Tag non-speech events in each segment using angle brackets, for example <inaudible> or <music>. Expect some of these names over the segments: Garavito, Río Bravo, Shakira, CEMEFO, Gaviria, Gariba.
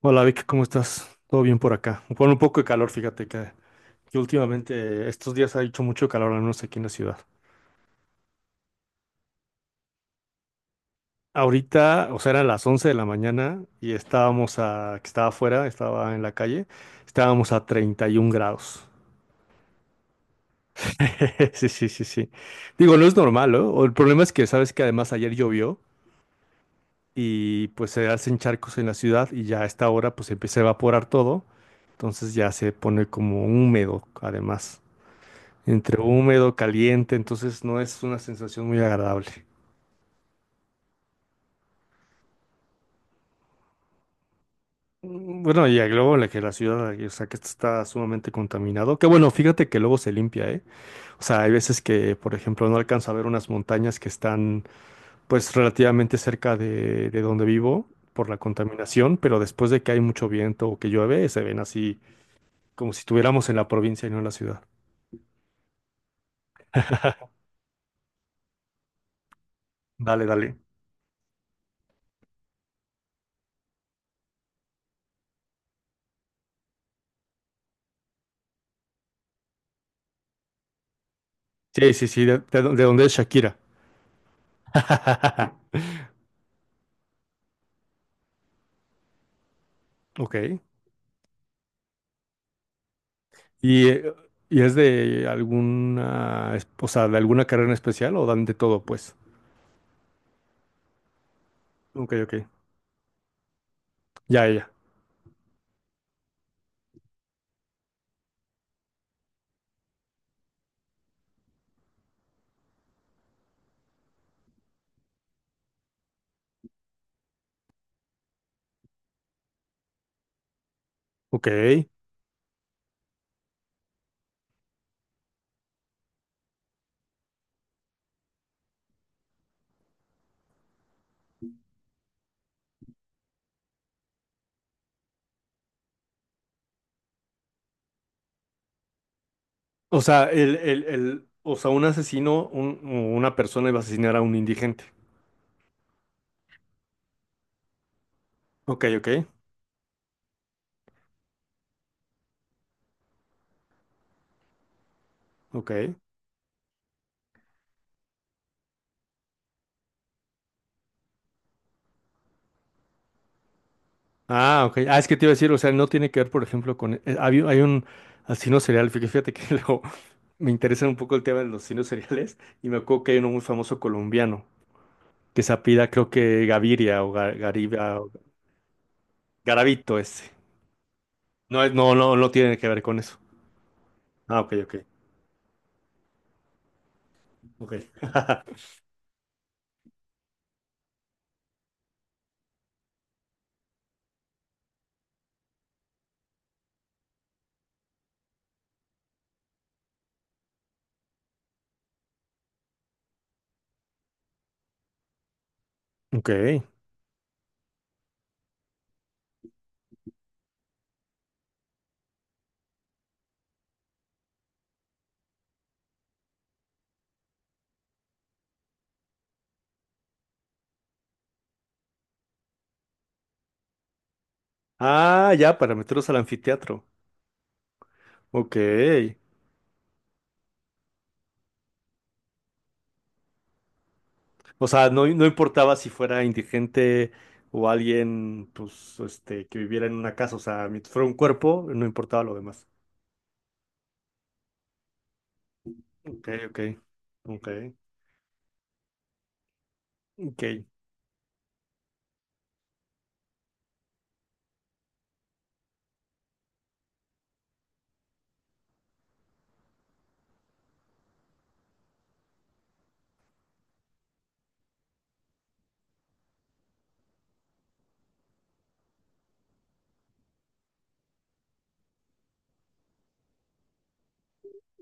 Hola Vic, ¿cómo estás? ¿Todo bien por acá? Con un poco de calor, fíjate que últimamente estos días ha hecho mucho calor, al menos aquí en la ciudad. Ahorita, o sea, eran las 11 de la mañana y que estaba afuera, estaba en la calle, estábamos a 31 grados. <laughs> Sí, sí, sí, sí. Digo, no es normal, ¿no? O El problema es que sabes que además ayer llovió y pues se hacen charcos en la ciudad, y ya a esta hora pues empieza a evaporar todo, entonces ya se pone como húmedo además, entre húmedo, caliente. Entonces no es una sensación muy agradable. Mm, bueno, y luego la que la ciudad, o sea, que esto está sumamente contaminado, que bueno, fíjate que luego se limpia, ¿eh? O sea, hay veces que, por ejemplo, no alcanzo a ver unas montañas que están, pues, relativamente cerca de donde vivo por la contaminación, pero después de que hay mucho viento o que llueve, se ven así como si estuviéramos en la provincia y no en la ciudad. Dale, dale. Sí, sí, sí, de donde es Shakira. <laughs> Ok. ¿Y, eh, y es de alguna, o sea, de alguna carrera en especial o dan de todo, pues? Ok, ok. Ya, ya. Ok. O sea, o sea, un asesino, una persona iba a asesinar a un indigente. Ok, ok, ok. Ah, ok. Ah, es que te iba a decir, o sea, no tiene que ver, por ejemplo, con, hay, un hay un asesino serial, fíjate que <laughs> luego me interesa un poco el tema de los asesinos seriales, y me acuerdo que hay uno muy famoso colombiano que se apida, creo que Gaviria o Gariba, o Garavito, ese. No, no, no, no tiene que ver con eso. Ah, ok, ok. Ok. <laughs> Ok. Ah, ya, para meterlos al anfiteatro. Ok. O sea, no, no importaba si fuera indigente o alguien, pues, este, que viviera en una casa. O sea, mientras fuera un cuerpo, no importaba lo demás. Ok, ok. Ok. Ok.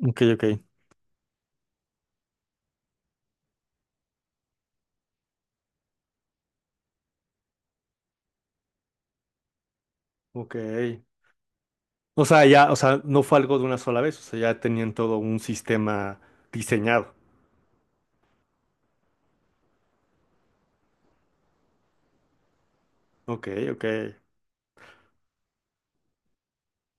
Ok, ok. Ok. O sea, ya, o sea, no fue algo de una sola vez. O sea, ya tenían todo un sistema diseñado. Ok, ok.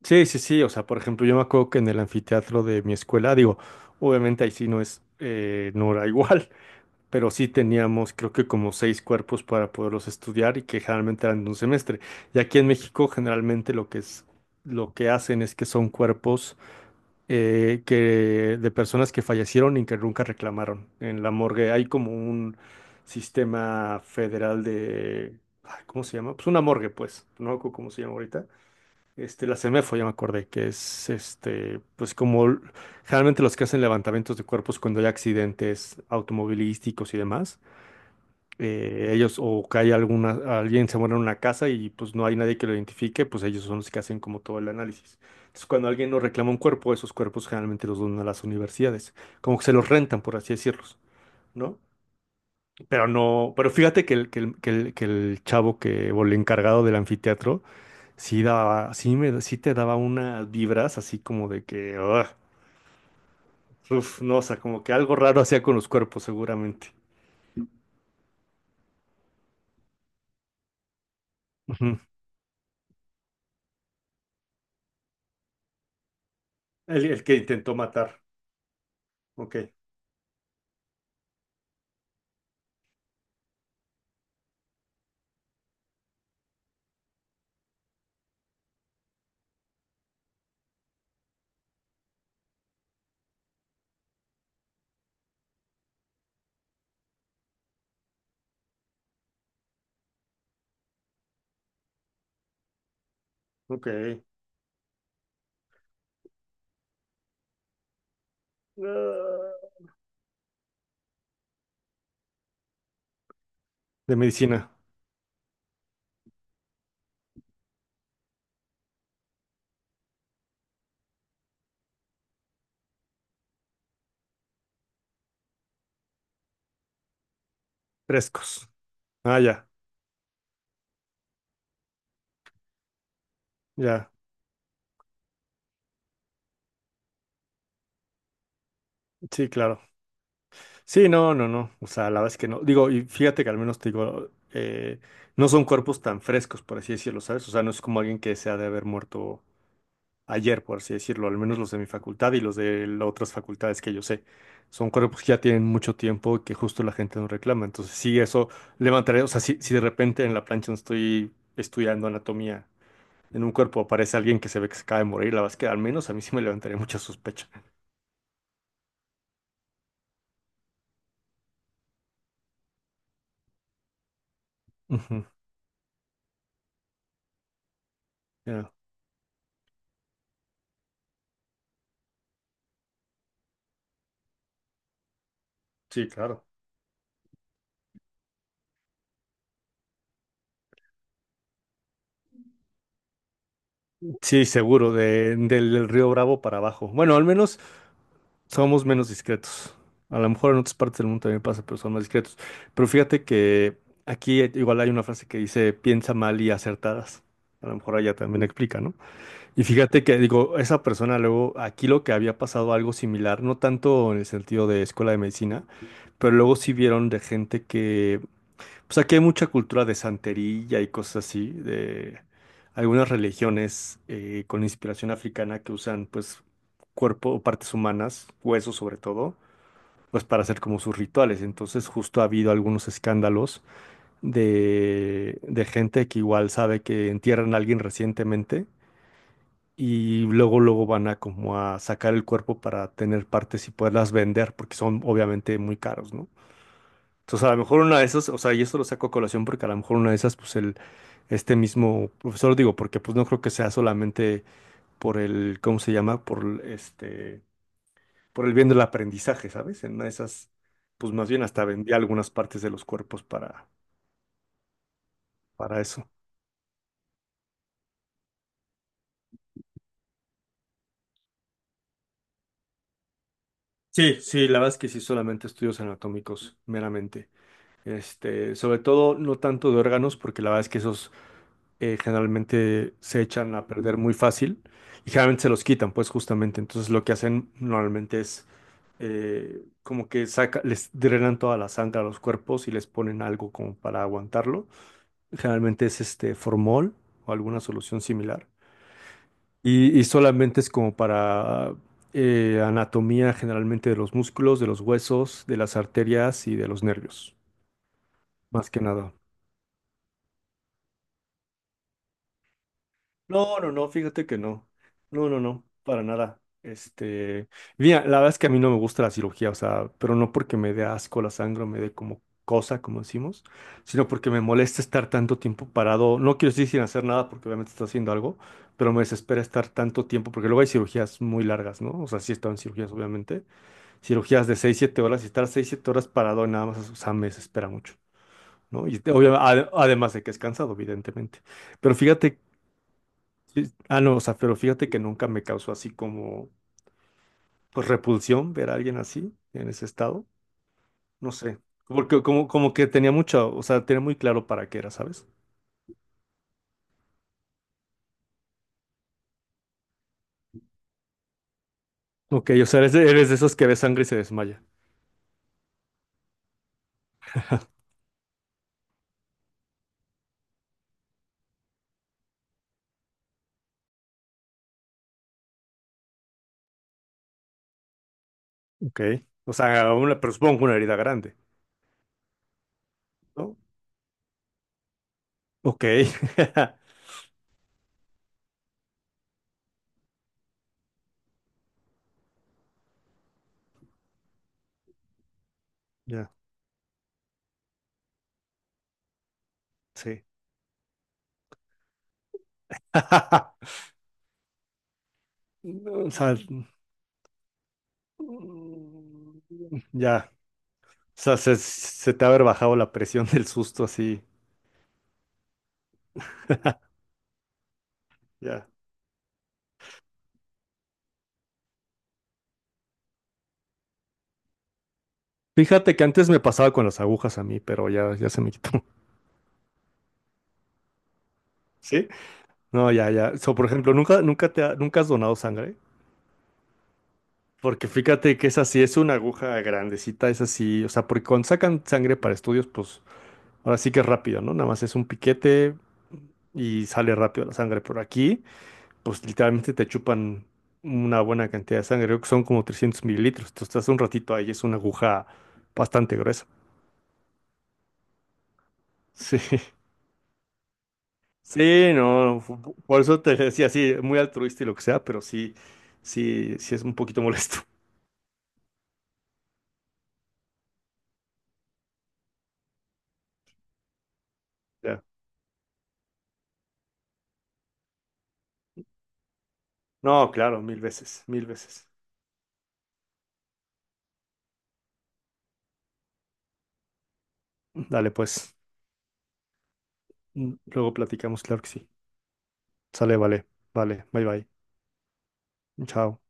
Sí, sí, sí. O sea, por ejemplo, yo me acuerdo que en el anfiteatro de mi escuela, digo, obviamente ahí sí no es, no era igual, <laughs> pero sí teníamos creo que como seis cuerpos para poderlos estudiar, y que generalmente eran de un semestre. Y aquí en México generalmente lo que es, lo que hacen es que son cuerpos, que de personas que fallecieron y que nunca reclamaron. En la morgue hay como un sistema federal de, ay, ¿cómo se llama? Pues una morgue, pues. No me acuerdo cómo se llama ahorita, este, la CEMEFO, ya me acordé, que es, este, pues como generalmente los que hacen levantamientos de cuerpos cuando hay accidentes automovilísticos y demás, ellos, o que hay alguna, alguien se muere en una casa y pues no hay nadie que lo identifique, pues ellos son los que hacen como todo el análisis. Entonces, cuando alguien nos reclama un cuerpo, esos cuerpos generalmente los donan a las universidades, como que se los rentan, por así decirlos, ¿no? Pero no, pero fíjate que el chavo que, o el encargado del anfiteatro, sí te daba unas vibras así como de que, ugh, uf, no, o sea, como que algo raro hacía con los cuerpos, seguramente. Ujú. El que intentó matar. Ok, ok. Ah. De medicina, frescos. Ah, ya, ya. Sí, claro. Sí, no, no, no. O sea, la verdad es que no. Digo, y fíjate que al menos te digo, no son cuerpos tan frescos, por así decirlo, ¿sabes? O sea, no es como alguien que se ha de haber muerto ayer, por así decirlo, al menos los de mi facultad y los de las otras facultades que yo sé. Son cuerpos que ya tienen mucho tiempo y que justo la gente no reclama. Entonces, sí, eso levantaría, o sea, si, si de repente en la plancha donde estoy estudiando anatomía, en un cuerpo aparece alguien que se ve que se acaba de morir, la verdad es que al menos a mí sí me levantaría mucha sospecha. Ujú, ya. Sí, claro. Sí, seguro, del, del Río Bravo para abajo. Bueno, al menos somos menos discretos. A lo mejor en otras partes del mundo también pasa, pero son más discretos. Pero fíjate que aquí, igual hay una frase que dice piensa mal y acertadas. A lo mejor allá también explica, ¿no? Y fíjate que, digo, esa persona luego, aquí lo que había pasado algo similar, no tanto en el sentido de escuela de medicina, pero luego sí vieron de gente que, pues aquí hay mucha cultura de santería y cosas así, de algunas religiones, con inspiración africana, que usan pues cuerpo o partes humanas, huesos sobre todo, pues para hacer como sus rituales. Entonces justo ha habido algunos escándalos de gente que igual sabe que entierran a alguien recientemente y luego luego van a como a sacar el cuerpo para tener partes y poderlas vender porque son obviamente muy caros, ¿no? Entonces, a lo mejor una de esas, o sea, y esto lo saco a colación porque a lo mejor una de esas, pues el, este mismo profesor, digo, porque pues no creo que sea solamente por el, ¿cómo se llama? Por el, este, por el bien del aprendizaje, ¿sabes? En una de esas, pues más bien hasta vendía algunas partes de los cuerpos para eso. Sí, sí, la verdad es que sí, solamente estudios anatómicos, meramente. Este, sobre todo, no tanto de órganos, porque la verdad es que esos, generalmente se echan a perder muy fácil, y generalmente se los quitan, pues justamente. Entonces lo que hacen normalmente es, como que saca, les drenan toda la sangre a los cuerpos y les ponen algo como para aguantarlo. Generalmente es este formol o alguna solución similar. Y solamente es como para, anatomía generalmente de los músculos, de los huesos, de las arterias y de los nervios, más que nada. No, no, no, fíjate que no. No, no, no, para nada. Este, mira, la verdad es que a mí no me gusta la cirugía, o sea, pero no porque me dé asco la sangre o me dé como cosa, como decimos, sino porque me molesta estar tanto tiempo parado. No quiero decir sin hacer nada porque obviamente está haciendo algo, pero me desespera estar tanto tiempo porque luego hay cirugías muy largas, ¿no? O sea, sí he estado en cirugías, obviamente. Cirugías de 6, 7 horas, y estar 6, 7 horas parado nada más, o sea, me desespera mucho, ¿no? Y obviamente, además de que es cansado, evidentemente. Pero fíjate. Sí. Ah, no, o sea, pero fíjate que nunca me causó así como, pues, repulsión ver a alguien así, en ese estado. No sé, porque como, como que tenía mucho, o sea, tenía muy claro para qué era, ¿sabes? Ok, o sea, eres de esos que ve sangre y se desmaya. Ok. O sea, una, pero supongo que una herida grande, ¿no? Ok. <laughs> Ya, sí. <laughs> O sea, mm, ya, o sea, se te ha haber bajado la presión del susto así, ya. Fíjate que antes me pasaba con las agujas a mí, pero ya, ya se me quitó. <laughs> ¿Sí? No, ya, ya. So, por ejemplo, nunca nunca has donado sangre. Porque fíjate que esa sí es una aguja grandecita, es así. O sea, porque cuando sacan sangre para estudios, pues ahora sí que es rápido, ¿no? Nada más es un piquete y sale rápido la sangre. Por aquí, pues literalmente te chupan una buena cantidad de sangre. Creo que son como 300 mililitros. Tú estás un ratito ahí, es una aguja bastante gruesa. <laughs> Sí. Sí, no, por eso te decía, sí, muy altruista y lo que sea, pero sí, sí es un poquito <laughs> molesto. Ya. No, claro, mil veces, mil veces. Dale, pues, mm, luego platicamos, claro que sí. Sale, vale, vale, bye bye, chao.